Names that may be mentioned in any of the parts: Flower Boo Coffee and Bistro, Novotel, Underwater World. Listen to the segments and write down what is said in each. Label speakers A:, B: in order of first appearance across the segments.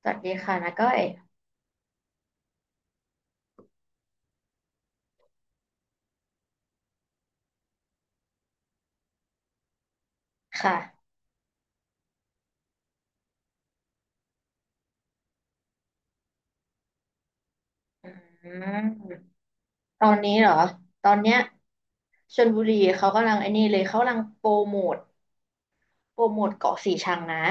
A: สวัสดีค่ะนาก้อยค่ะอืมตอนนี้เหรอตอนเนี้ยชลบุรีเขากำลังไอ้นี่เลยเขากำลังโปรโมทโปรโมทเกาะสีชังนะ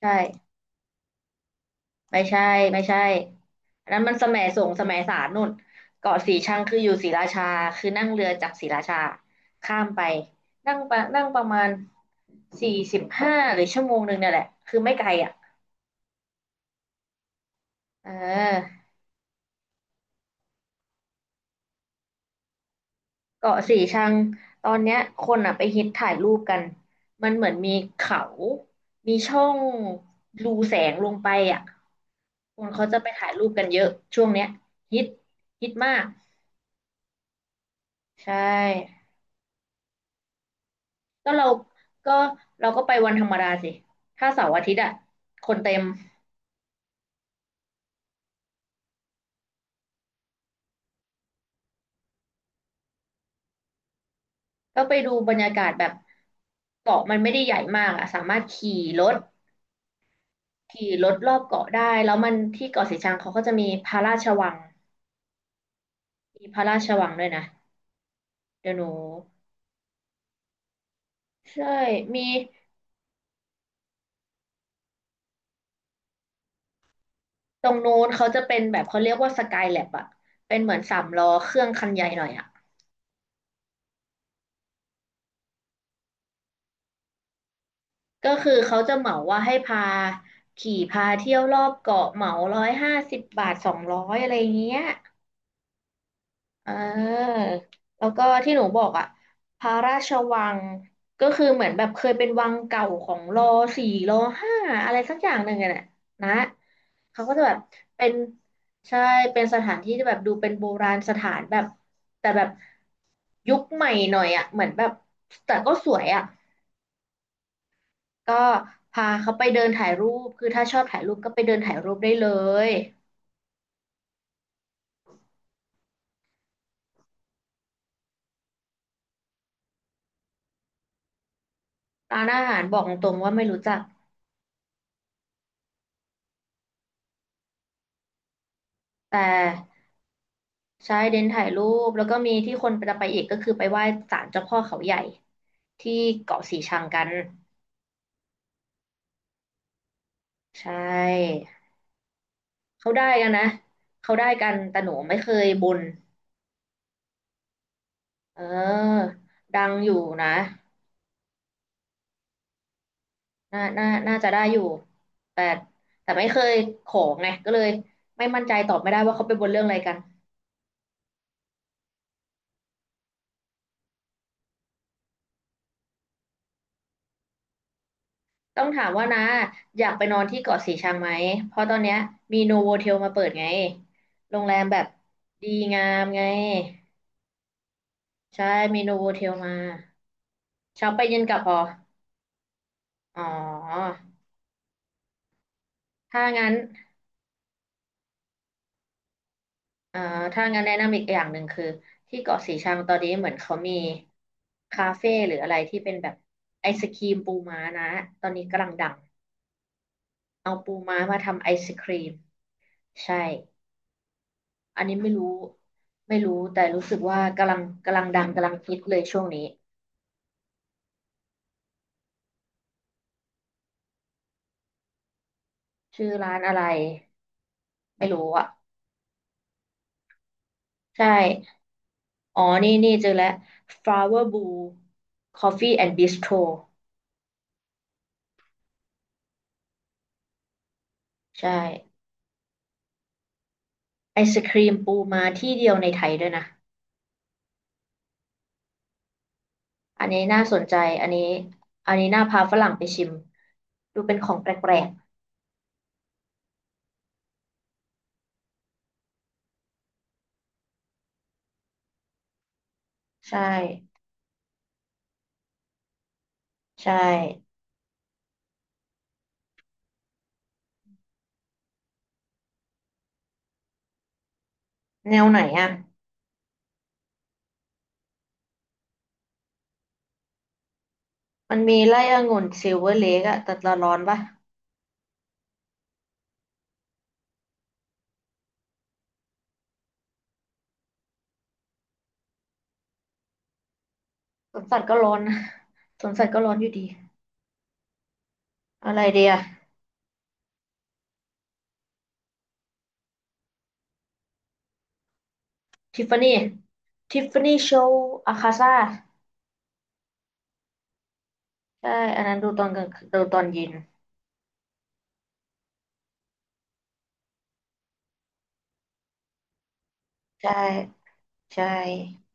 A: ใช่ไม่ใช่ไม่ใช่อันนั้นมันแสมสงฆ์แสมสารนู่นเกาะสีชังคืออยู่ศรีราชาคือนั่งเรือจากศรีราชาข้ามไปนั่งปะนั่งประมาณ45หรือชั่วโมงหนึ่งเนี่ยแหละคือไม่ไกลอ่ะเออ เกาะสีชังตอนเนี้ยคนอ่ะไปฮิตถ่ายรูปกันมันเหมือนมีเขา มีช่องรูแสงลงไปอ่ะคนเขาจะไปถ่ายรูปกันเยอะช่วงเนี้ยฮิตฮิตมากใช่ก็เราก็เราก็ไปวันธรรมดาสิถ้าเสาร์อาทิตย์อ่ะคนเต็มก็ไปดูบรรยากาศแบบเกาะมันไม่ได้ใหญ่มากอ่ะสามารถขี่รถขี่รถรอบเกาะได้แล้วมันที่เกาะสีชังเขาก็จะมีพระราชวังมีพระราชวังด้วยนะ เดี๋ยวหนูใช่มีตรงนู้นเขาจะเป็นแบบเขาเรียกว่าสกายแลบอะเป็นเหมือนสามล้อเครื่องคันใหญ่หน่อยอะก็คือเขาจะเหมาว่าให้พาขี่พาเที่ยวรอบเกาะเหมา150 บาท200อะไรเงี้ย อ่าแล้วก็ที่หนูบอกอ่ะพระราชวังก็คือเหมือนแบบเคยเป็นวังเก่าของรอสี่รอห้าอะไรสักอย่างหนึ่งอะน่ะนะเขาก็จะแบบเป็นใช่เป็นสถานที่ที่แบบดูเป็นโบราณสถานแบบแต่แบบยุคใหม่หน่อยอ่ะเหมือนแบบแต่ก็สวยอ่ะก็พาเขาไปเดินถ่ายรูปคือถ้าชอบถ่ายรูปก็ไปเดินถ่ายรูปได้เลยร้านอาหารบอกตรงๆว่าไม่รู้จักแต่ ใช่เดินถ่ายรูปแล้วก็มีที่คนจะไปอีกก็คือไปไหว้ศาลเจ้าพ่อเขาใหญ่ที่เกาะสีชังกันใช่เขาได้กันนะเขาได้กันแต่หนูไม่เคยบุญเออดังอยู่นะน่าน่าน่าจะได้อยู่แต่แต่ไม่เคยขอไงก็เลยไม่มั่นใจตอบไม่ได้ว่าเขาไปบนเรื่องอะไรกันต้องถามว่านะอยากไปนอนที่เกาะสีชังไหมเพราะตอนเนี้ยมีโนโวเทลมาเปิดไงโรงแรมแบบดีงามไง ใช่มีโนโวเทลมาเช้าไปเย็นกลับพออ๋อถ้างั้นเอ่อถ้างั้นแนะนำอีกอย่างหนึ่งคือที่เกาะสีชังตอนนี้เหมือนเขามีคาเฟ่หรืออะไรที่เป็นแบบไอศครีมปูม้านะตอนนี้กำลังดังเอาปูม้ามาทำไอศครีมใช่อันนี้ไม่รู้ไม่รู้แต่รู้สึกว่ากำลังกำลังดังกำลังฮิตเลยช่วงนี้ชื่อร้านอะไรไม่รู้อ่ะใช่ อ๋อนี่นี่เจอแล้ว Flower Boo Coffee and Bistro ใช่ไอศครีมปูมาที่เดียวในไทยด้วยนะ อันนี้น่าสนใจ อันนี้ อันนี้น่าพาฝรั่งไปชิม ดูเป็นของแปลกๆใช่ ใช่ แนวไหนอ่ะ มันมีไร่องุ่นซิลเวอร์เลกอะแต่ละร้อนปะสวนสัตว์ก็ร้อนนะสวนสัตว์ก็ร้อนอยู่ดี อะไรเดียทิฟฟานี่ทิฟฟานี่โชว์อาคาซ่าใช่ อันนั้นดูตอนกลางดูตอนเย็นใช่ ใช่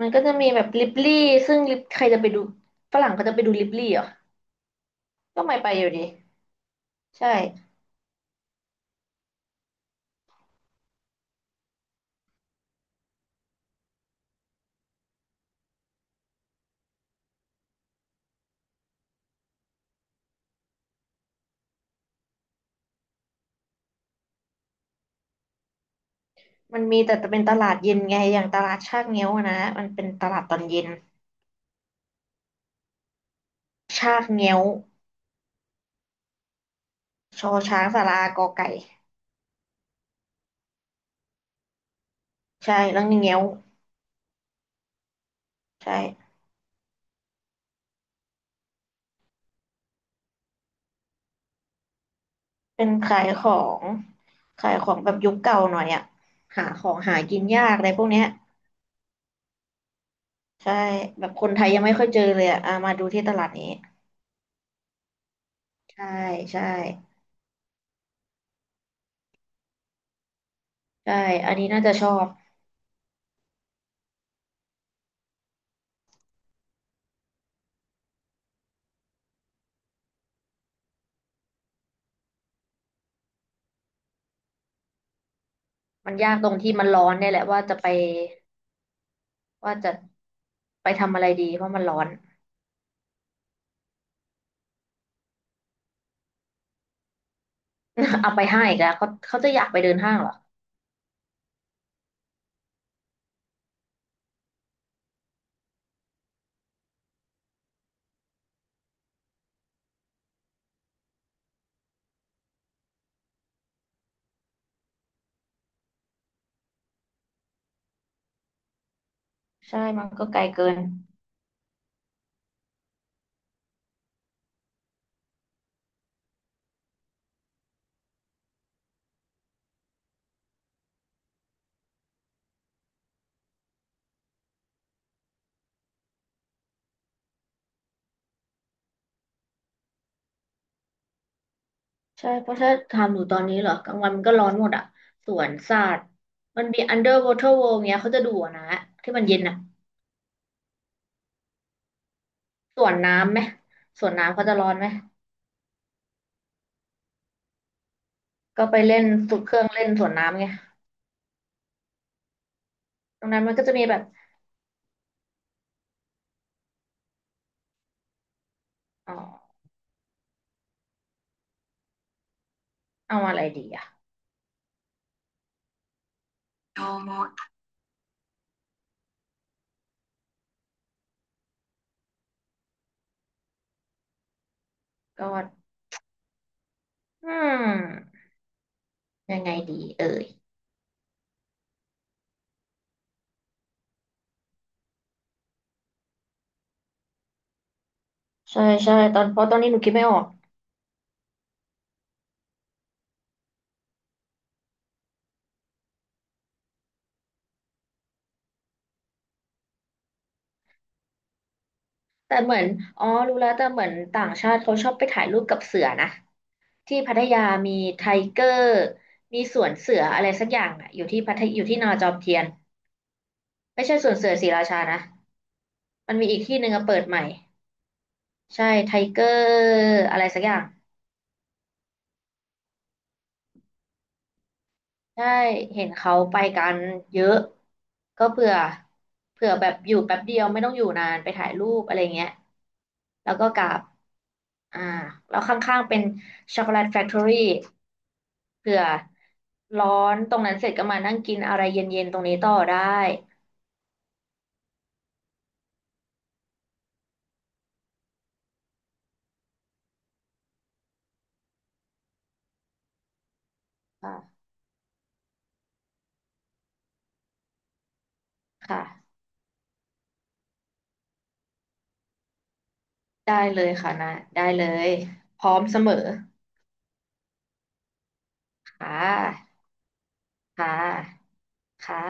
A: มันก็จะมีแบบลิปลี่ซึ่งลิปใครจะไปดูฝรั่งก็จะไปดูลิปลี่เหรอก็ไม่ไปอยู่ดีใช่ มันมีแต่จะเป็นตลาดเย็นไงอย่างตลาดชากเงี้ยวอะนะมันเป็นตลาดตอนเย็นชากเงี้ยวชอช้างสารากอไก่ใช่แล้วเงี้ยวใช่เป็นขายของขายของแบบยุคเก่าหน่อยอะหาของหากินยากอะไรพวกเนี้ยใช่แบบคนไทยยังไม่ค่อยเจอเลยอะอ่ะมาดูที่ตลาดนี้ใช่ใช่ใช่อันนี้น่าจะชอบ มันยากตรงที่มันร้อนเนี่ยแหละว่าจะไปว่าจะไปทำอะไรดีเพราะมันร้อน เอาไปห้างอีกแล้วเขาเขาจะอยากไปเดินห้างเหรอใช่มันก็ไกลเกินใช่เพราะถ้าทำอยู่ตอนนี้เหรอกลางวันมันก็ร้อนหมดอ่ะสวนสัตว์มันมี Underwater World เงี้ยเขาจะดูอะนะที่มันเย็นอ่ะสวนน้ำไหมสวนน้ำเขาจะร้อนไหมก็ไปเล่นสุดเครื่องเล่นสวนน้ำไงตรงนั้นมันก็จะมีแบบอ๋อเอาอะไรดีอ่ะก็อืมยังไงดีเอ่ย ใช่ใช่ตอนเพราะตอนนี้หนูคิดไม่ออกแต่เหมือนอ๋อรู้แล้วแต่เหมือนต่างชาติเขาชอบไปถ่ายรูปกับเสือนะที่พัทยามีไทเกอร์มีสวนเสืออะไรสักอย่างอ่ะอยู่ที่พัทอยู่ที่นอจอมเทียนไม่ใช่สวนเสือศรีราชานะมันมีอีกที่หนึ่งอะเปิดใหม่ใช่ไทเกอร์อะไรสักอย่างใช่เห็นเขาไปกันเยอะก็เผื่อเผื่อแบบอยู่แป๊บเดียวไม่ต้องอยู่นานไปถ่ายรูปอะไรเงี้ย แล้วก็กราฟอ่า แล้วข้างๆเป็นช็อกโกแลตแฟคทอรี่เผื่อร้อนตรงนั้นเสร็จก็มานั่งกินอะไรเย็นๆตรงนี้ต่อได้ค่ะค่ะได้เลยค่ะนะได้เลย พร้อมเสมอ ค่ะ ค่ะค่ะ